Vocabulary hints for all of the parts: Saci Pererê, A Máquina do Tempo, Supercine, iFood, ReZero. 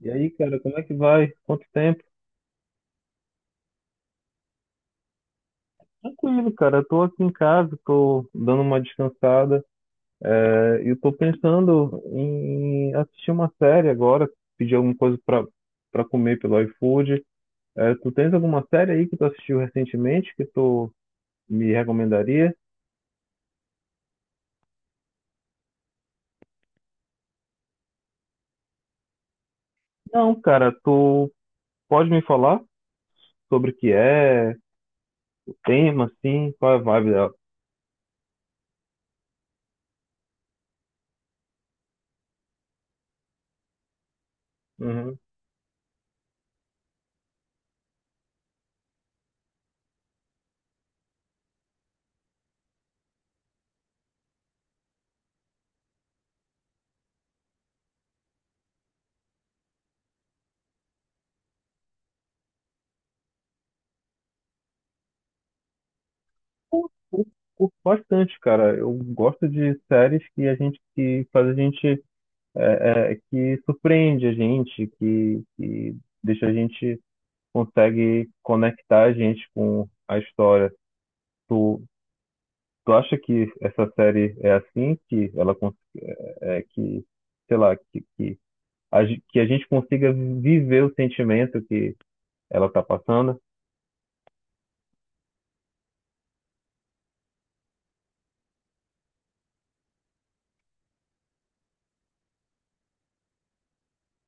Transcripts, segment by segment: E aí, cara, como é que vai? Quanto tempo? Tranquilo, cara. Eu tô aqui em casa, tô dando uma descansada. É, eu tô pensando em assistir uma série agora, pedir alguma coisa pra comer pelo iFood. É, tu tens alguma série aí que tu assistiu recentemente que tu me recomendaria? Não, cara, tu pode me falar sobre o que é, o tema, assim, qual é a vibe dela? Uhum. Curto, curto curto bastante, cara. Eu gosto de séries que a gente que faz a gente é que surpreende a gente, que deixa a gente consegue conectar a gente com a história. Tu, tu acha que essa série é assim, que ela é, que, sei lá, que a gente consiga viver o sentimento que ela tá passando?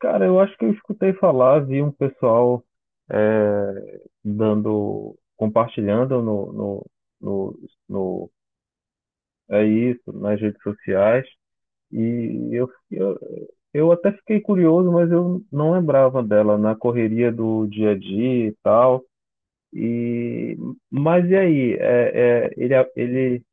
Cara, eu acho que eu escutei falar, vi um pessoal é, dando, compartilhando no, no, no, no, é isso, nas redes sociais. E eu até fiquei curioso, mas eu não lembrava dela na correria do dia a dia e tal. E, mas e aí?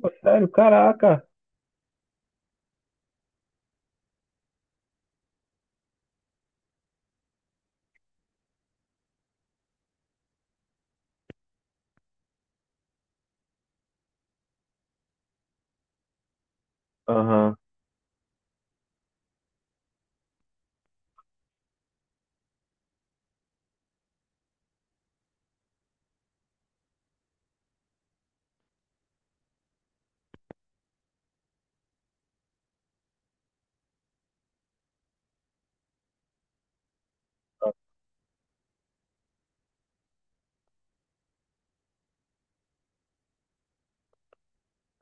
Pô, sério, caraca. Aham.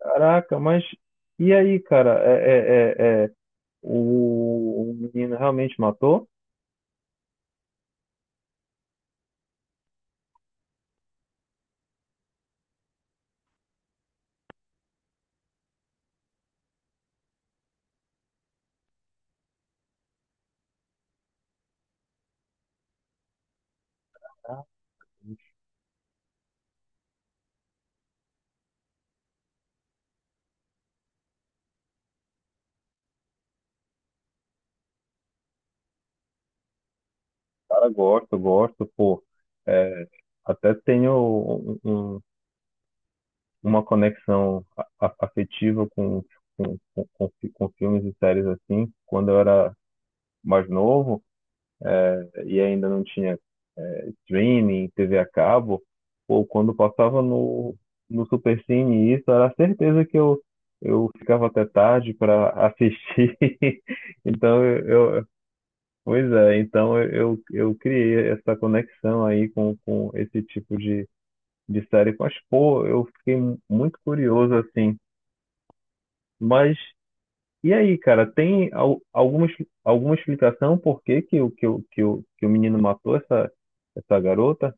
Caraca, mas e aí, cara? O menino realmente matou? Ah, os Cara, gosto, gosto, pô. É, até tenho uma conexão afetiva com filmes e séries assim, quando eu era mais novo e ainda não tinha streaming, TV a cabo, ou quando passava no Supercine, isso era certeza que eu ficava até tarde para assistir. Então, eu, eu- Pois é, então eu criei essa conexão aí com esse tipo de série. Mas, pô, eu fiquei muito curioso assim. Mas e aí, cara, tem alguma, alguma explicação por que que o menino matou essa garota?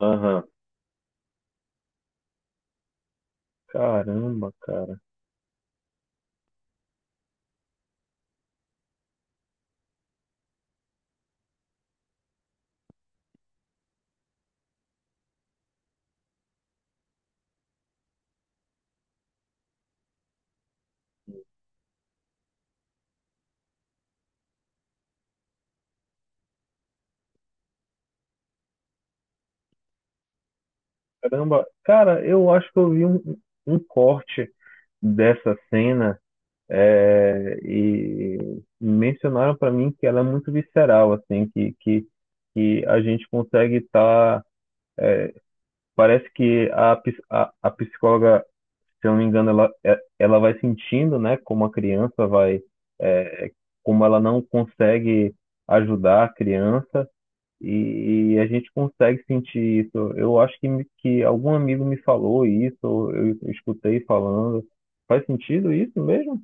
Aham. Caramba, cara. Caramba. Cara, eu acho que eu vi um corte dessa cena, e mencionaram pra mim que ela é muito visceral, assim, que a gente consegue estar. Parece que a psicóloga, se eu não me engano, ela vai sentindo, né, como a criança vai, é, como ela não consegue ajudar a criança, e a gente consegue sentir isso. Eu acho que, que algum amigo me falou isso, ou eu escutei falando. Faz sentido isso mesmo?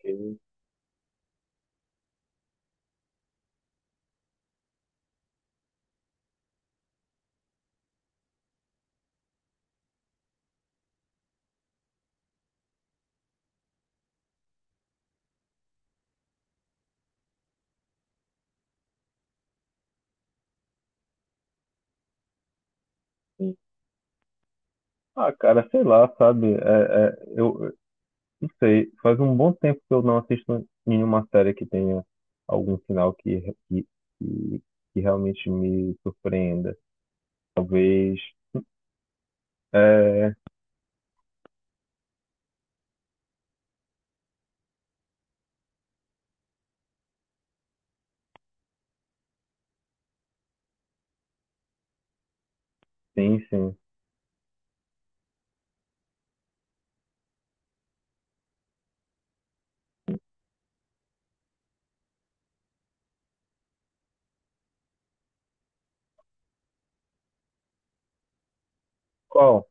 Sim, sim. Ah, cara, sei lá, sabe? Eu não sei. Faz um bom tempo que eu não assisto nenhuma série que tenha algum final que, que, que realmente me surpreenda. Talvez. É, sim, sim. Qual?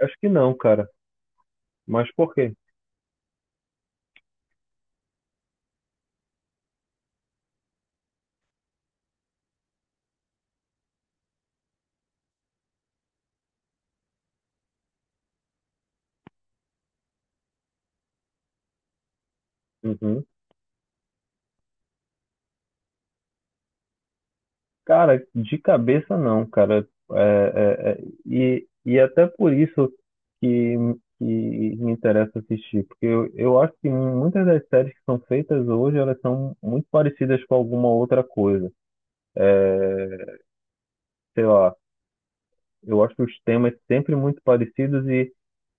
Acho que não, cara. Mas por quê? Uhum. Cara, de cabeça não, cara. E até por isso que, que me interessa assistir, porque eu acho que muitas das séries que são feitas hoje, elas são muito parecidas com alguma outra coisa. É, sei lá, eu acho os temas sempre muito parecidos,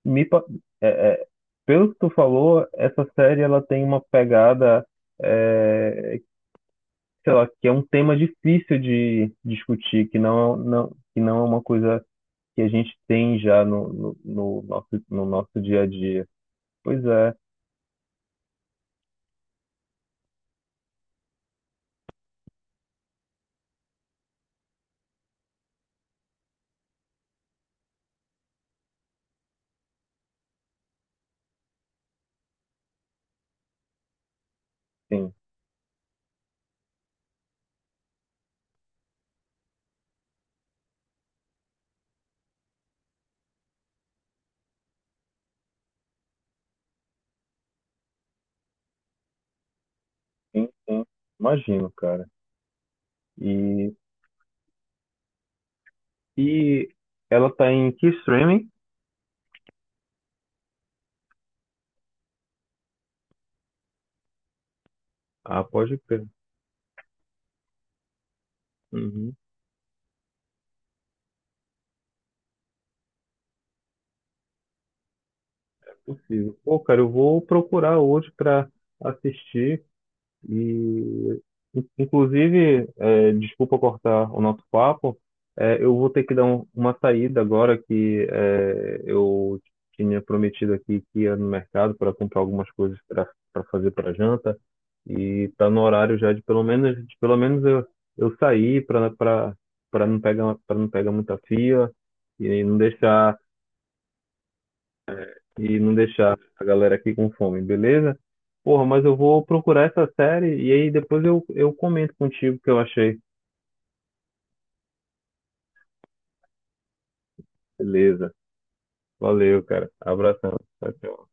me pa- é, é, pelo que tu falou, essa série ela tem uma pegada, é, sei lá, que é um tema difícil de discutir, que não é uma coisa que a gente tem já no nosso dia a dia. Pois é, sim, sim, sim, imagino, cara. E, e ela tá em que streaming? Ah, pode crer. Uhum, possível. Pô, cara, eu vou procurar hoje pra assistir. E, Inclusive, desculpa cortar o nosso papo, eu vou ter que dar uma saída agora que, eu tinha prometido aqui que ia no mercado para comprar algumas coisas para fazer para janta, e tá no horário já de pelo menos eu sair para não pegar para não pegar muita fila, e não deixar e não deixar a galera aqui com fome, beleza? Porra, mas eu vou procurar essa série e aí depois eu comento contigo o que eu achei. Beleza. Valeu, cara. Abração. Tchau, tchau.